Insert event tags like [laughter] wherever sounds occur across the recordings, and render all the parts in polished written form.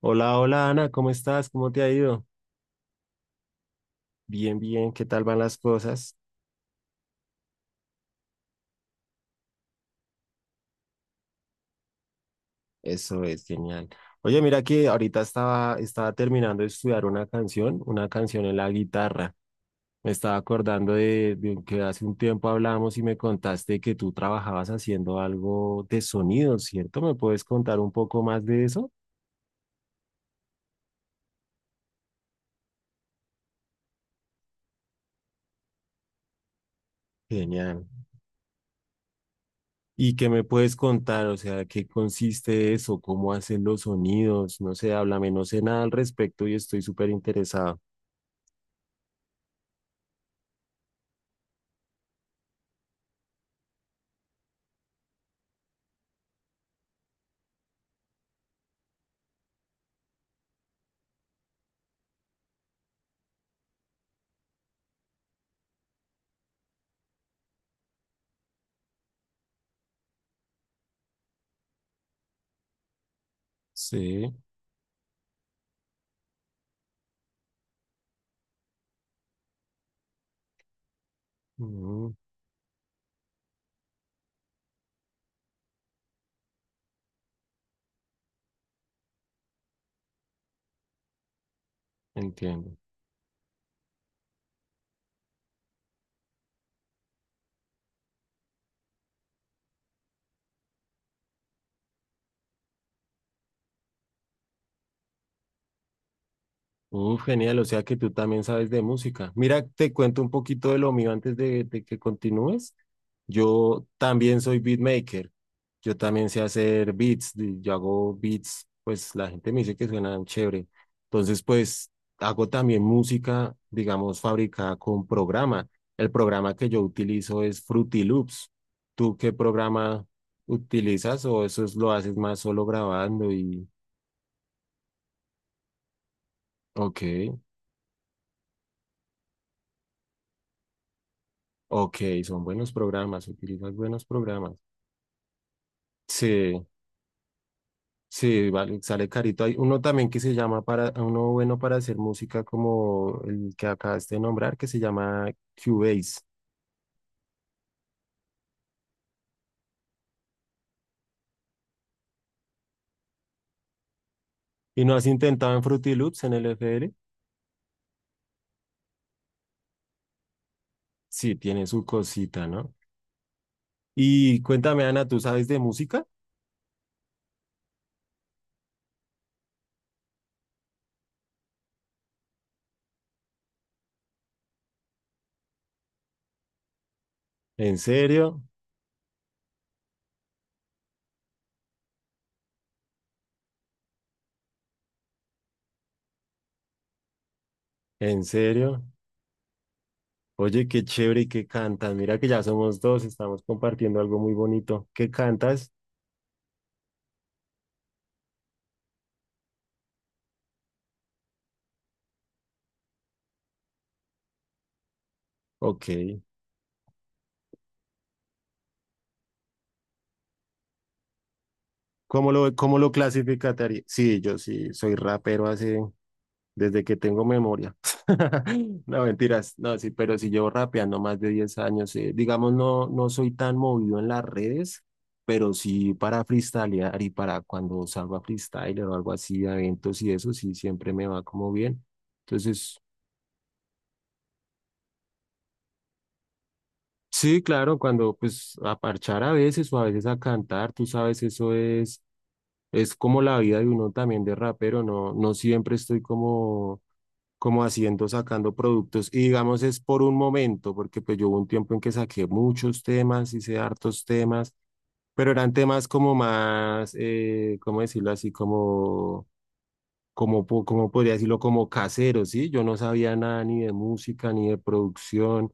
Hola, hola Ana, ¿cómo estás? ¿Cómo te ha ido? Bien, bien, ¿qué tal van las cosas? Eso es genial. Oye, mira que ahorita estaba terminando de estudiar una canción en la guitarra. Me estaba acordando de que hace un tiempo hablamos y me contaste que tú trabajabas haciendo algo de sonido, ¿cierto? ¿Me puedes contar un poco más de eso? Genial. ¿Y qué me puedes contar? O sea, ¿qué consiste eso? ¿Cómo hacen los sonidos? No sé, háblame, no sé nada al respecto y estoy súper interesado. Sí. Mm, entiendo. Uf, genial, o sea que tú también sabes de música. Mira, te cuento un poquito de lo mío antes de que continúes. Yo también soy beatmaker. Yo también sé hacer beats. Yo hago beats, pues la gente me dice que suenan chévere. Entonces, pues hago también música, digamos, fabricada con programa. El programa que yo utilizo es Fruity Loops. ¿Tú qué programa utilizas o lo haces más solo grabando y... Ok. Ok, son buenos programas, utilizas buenos programas. Sí, sí, vale, sale carito. Hay uno también que se llama para, uno bueno para hacer música como el que acabaste de nombrar, que se llama Cubase. ¿Y no has intentado en Fruity Loops en el FL? Sí, tiene su cosita, ¿no? Y cuéntame, Ana, ¿tú sabes de música? ¿En serio? ¿En serio? Oye, qué chévere y qué cantas. Mira que ya somos dos, estamos compartiendo algo muy bonito. ¿Qué cantas? Ok. ¿Cómo lo clasificaría? Sí, yo sí soy rapero hace, desde que tengo memoria. [laughs] No, mentiras, no, sí, pero si llevo rapeando más de 10 años. Digamos, no, no soy tan movido en las redes, pero sí para freestylear y para cuando salgo a freestyler o algo así, a eventos y eso, sí, siempre me va como bien. Entonces, sí, claro, cuando pues a parchar a veces o a veces a cantar, tú sabes, eso es como la vida de uno también de rapero, no, no siempre estoy como haciendo, sacando productos. Y digamos, es por un momento, porque pues yo hubo un tiempo en que saqué muchos temas, hice hartos temas, pero eran temas como más, ¿cómo decirlo así? Como, como podría decirlo, como caseros, ¿sí? Yo no sabía nada ni de música, ni de producción.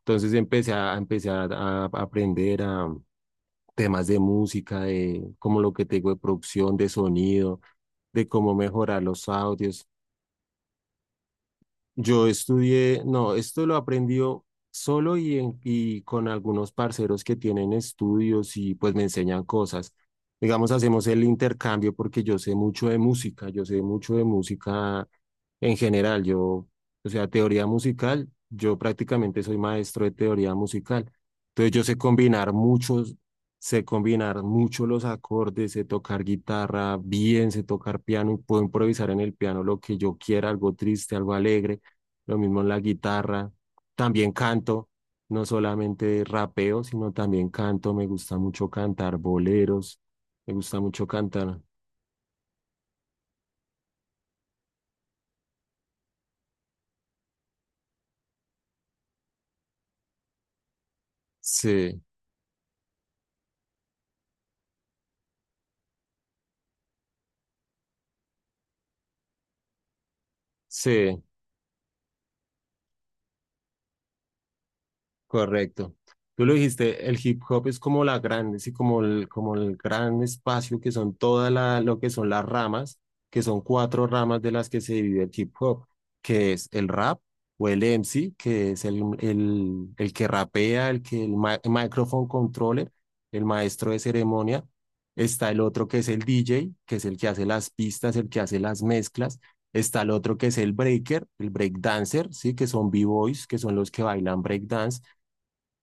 Entonces a aprender a temas de música, de como lo que tengo de producción, de sonido, de cómo mejorar los audios. Yo estudié, no, esto lo aprendió solo y con algunos parceros que tienen estudios y pues me enseñan cosas. Digamos, hacemos el intercambio porque yo sé mucho de música, yo sé mucho de música en general. Yo, o sea, teoría musical, yo prácticamente soy maestro de teoría musical. Entonces yo sé combinar muchos, Sé combinar mucho los acordes, sé tocar guitarra bien, sé tocar piano y puedo improvisar en el piano lo que yo quiera, algo triste, algo alegre, lo mismo en la guitarra, también canto, no solamente rapeo, sino también canto, me gusta mucho cantar boleros, me gusta mucho cantar, sí, sí, correcto. Tú lo dijiste, el hip hop es como la grande, sí, como como el gran espacio que son todas lo que son las ramas, que son cuatro ramas de las que se divide el hip hop, que es el rap o el MC, que es el que rapea, el microphone controller, el maestro de ceremonia. Está el otro que es el DJ, que es el que hace las pistas, el que hace las mezclas. Está el otro que es el breaker, el breakdancer, sí, que son b-boys, que son los que bailan breakdance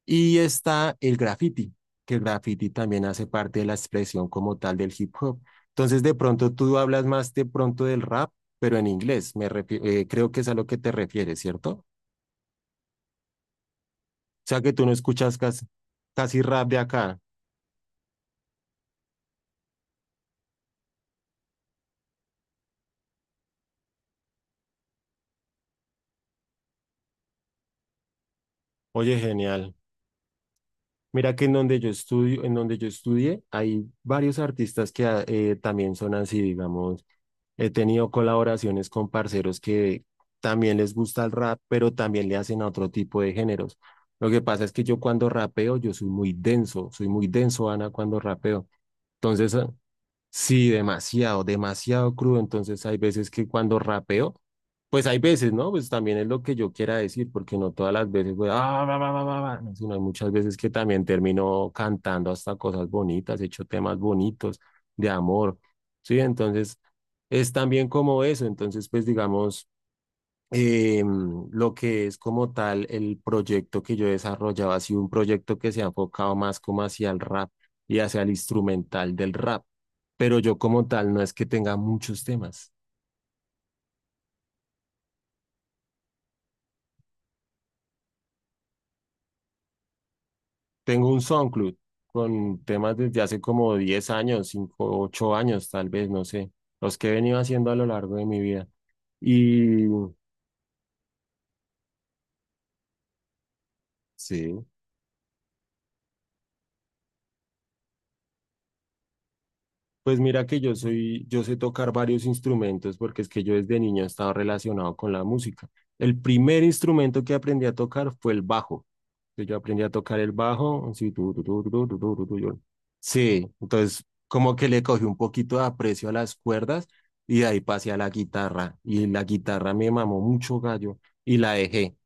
y está el graffiti, que el graffiti también hace parte de la expresión como tal del hip hop. Entonces, de pronto tú hablas más de pronto del rap, pero en inglés. Creo que es a lo que te refieres, ¿cierto? O sea, que tú no escuchas casi, casi rap de acá. Oye, genial. Mira que en donde yo estudio, en donde yo estudié, hay varios artistas que también son así, digamos. He tenido colaboraciones con parceros que también les gusta el rap, pero también le hacen a otro tipo de géneros. Lo que pasa es que yo cuando rapeo, yo soy muy denso, Ana, cuando rapeo. Entonces, eh, Sí, demasiado, demasiado crudo. Entonces hay veces que cuando rapeo, pues hay veces, ¿no? Pues también es lo que yo quiera decir, porque no todas las veces, voy, ah, va va va va va no, sino hay muchas veces que también termino cantando hasta cosas bonitas, he hecho temas bonitos de amor, ¿sí? Entonces es también como eso. Eh, lo que es como tal el proyecto que yo desarrollaba, ha sido un proyecto que se ha enfocado más como hacia el rap y hacia el instrumental del rap, pero yo como tal no es que tenga muchos temas. Tengo un SoundCloud con temas desde hace como 10 años, 5 8 años tal vez, no sé, los que he venido haciendo a lo largo de mi vida. Y sí. Pues mira que yo soy, yo sé tocar varios instrumentos porque es que yo desde niño he estado relacionado con la música. El primer instrumento que aprendí a tocar fue el bajo. Entonces, yo aprendí a tocar el bajo, así, tu, yo. Sí, entonces como que le cogí un poquito de aprecio a las cuerdas y de ahí pasé a la guitarra. Y la guitarra me mamó mucho gallo y la dejé.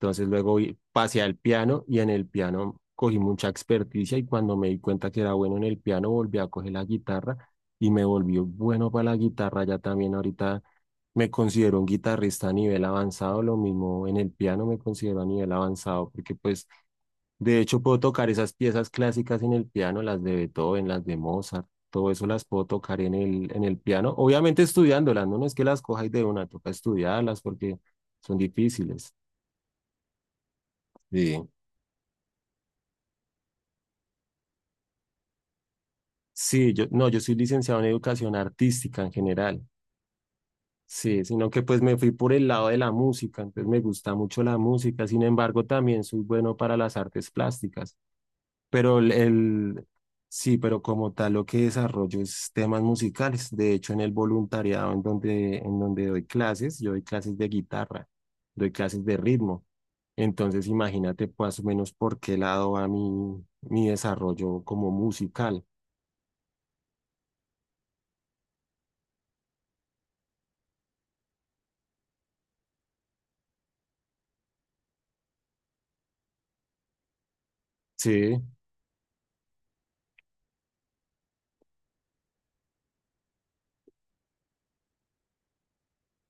Entonces pasé al piano y en el piano cogí mucha experticia y cuando me di cuenta que era bueno en el piano volví a coger la guitarra y me volví bueno para la guitarra. Ya también ahorita me considero un guitarrista a nivel avanzado, lo mismo en el piano me considero a nivel avanzado porque pues de hecho puedo tocar esas piezas clásicas en el piano, las de Beethoven, las de Mozart. Todo eso las puedo tocar en en el piano, obviamente estudiándolas, no, no es que las cojáis de una, toca estudiarlas porque son difíciles. Sí. Sí, yo, no, yo soy licenciado en educación artística en general, sí, sino que pues me fui por el lado de la música, entonces me gusta mucho la música, sin embargo también soy bueno para las artes plásticas, pero sí, pero como tal lo que desarrollo es temas musicales, de hecho en el voluntariado en donde doy clases, yo doy clases de guitarra, doy clases de ritmo, entonces imagínate pues, más o menos por qué lado va mi, mi desarrollo como musical, sí.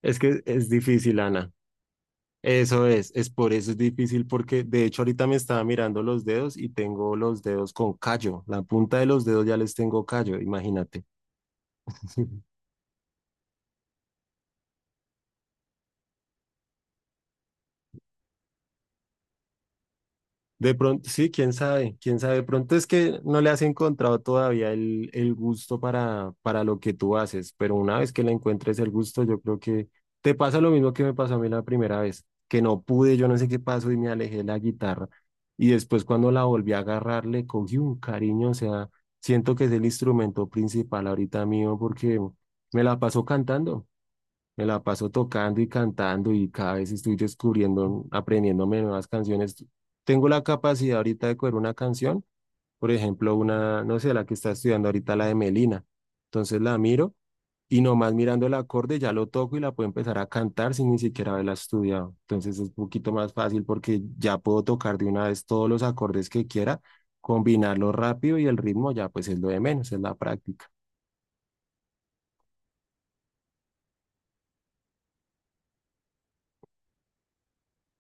Es que es difícil, Ana. Eso es por eso es difícil porque de hecho ahorita me estaba mirando los dedos y tengo los dedos con callo. La punta de los dedos ya les tengo callo, imagínate. [laughs] De pronto, sí, quién sabe, quién sabe. De pronto es que no le has encontrado todavía el gusto para lo que tú haces, pero una vez que le encuentres el gusto, yo creo que te pasa lo mismo que me pasó a mí la primera vez, que no pude, yo no sé qué pasó y me alejé de la guitarra. Y después cuando la volví a agarrar, le cogí un cariño, o sea, siento que es el instrumento principal ahorita mío porque me la paso cantando. Me la paso tocando y cantando y cada vez estoy descubriendo, aprendiéndome nuevas canciones. Tengo la capacidad ahorita de coger una canción, por ejemplo, una, no sé, la que está estudiando ahorita, la de Melina. Entonces la miro y nomás mirando el acorde ya lo toco y la puedo empezar a cantar sin ni siquiera haberla estudiado. Entonces es un poquito más fácil porque ya puedo tocar de una vez todos los acordes que quiera, combinarlo rápido y el ritmo ya pues es lo de menos, es la práctica.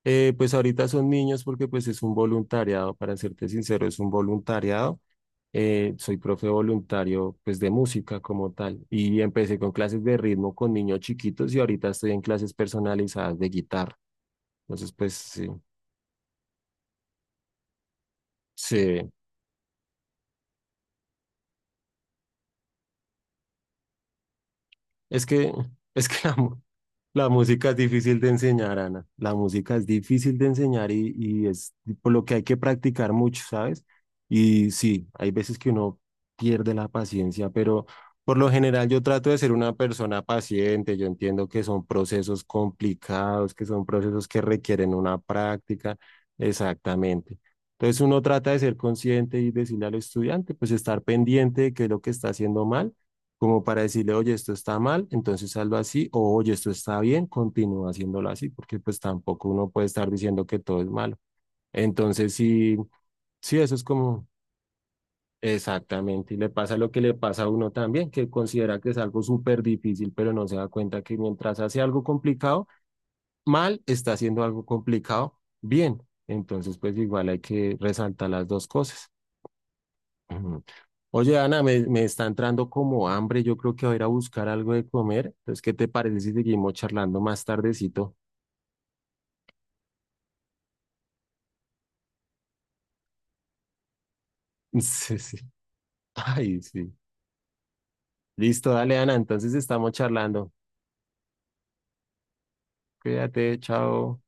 Pues ahorita son niños porque pues es un voluntariado, para serte sincero, es un voluntariado. Soy profe voluntario pues de música como tal y empecé con clases de ritmo con niños chiquitos y ahorita estoy en clases personalizadas de guitarra. Entonces pues sí, sí, es que, [laughs] es que la mu- la música es difícil de enseñar, Ana. La música es difícil de enseñar y es por lo que hay que practicar mucho, ¿sabes? Y sí, hay veces que uno pierde la paciencia, pero por lo general yo trato de ser una persona paciente. Yo entiendo que son procesos complicados, que son procesos que requieren una práctica. Exactamente. Entonces uno trata de ser consciente y decirle al estudiante, pues estar pendiente de qué es lo que está haciendo mal como para decirle, oye, esto está mal, entonces hazlo así, o oye, esto está bien, continúa haciéndolo así, porque pues tampoco uno puede estar diciendo que todo es malo. Entonces, sí, sí, eso es como exactamente, y le pasa lo que le pasa a uno también, que considera que es algo súper difícil, pero no se da cuenta que mientras hace algo complicado, mal, está haciendo algo complicado, bien. Entonces, pues igual hay que resaltar las dos cosas. Oye, Ana, me está entrando como hambre. Yo creo que voy a ir a buscar algo de comer. Entonces, ¿qué te parece si seguimos charlando más tardecito? [laughs] Sí, sí. Ay, sí. Listo, dale, Ana. Entonces estamos charlando. Cuídate, chao.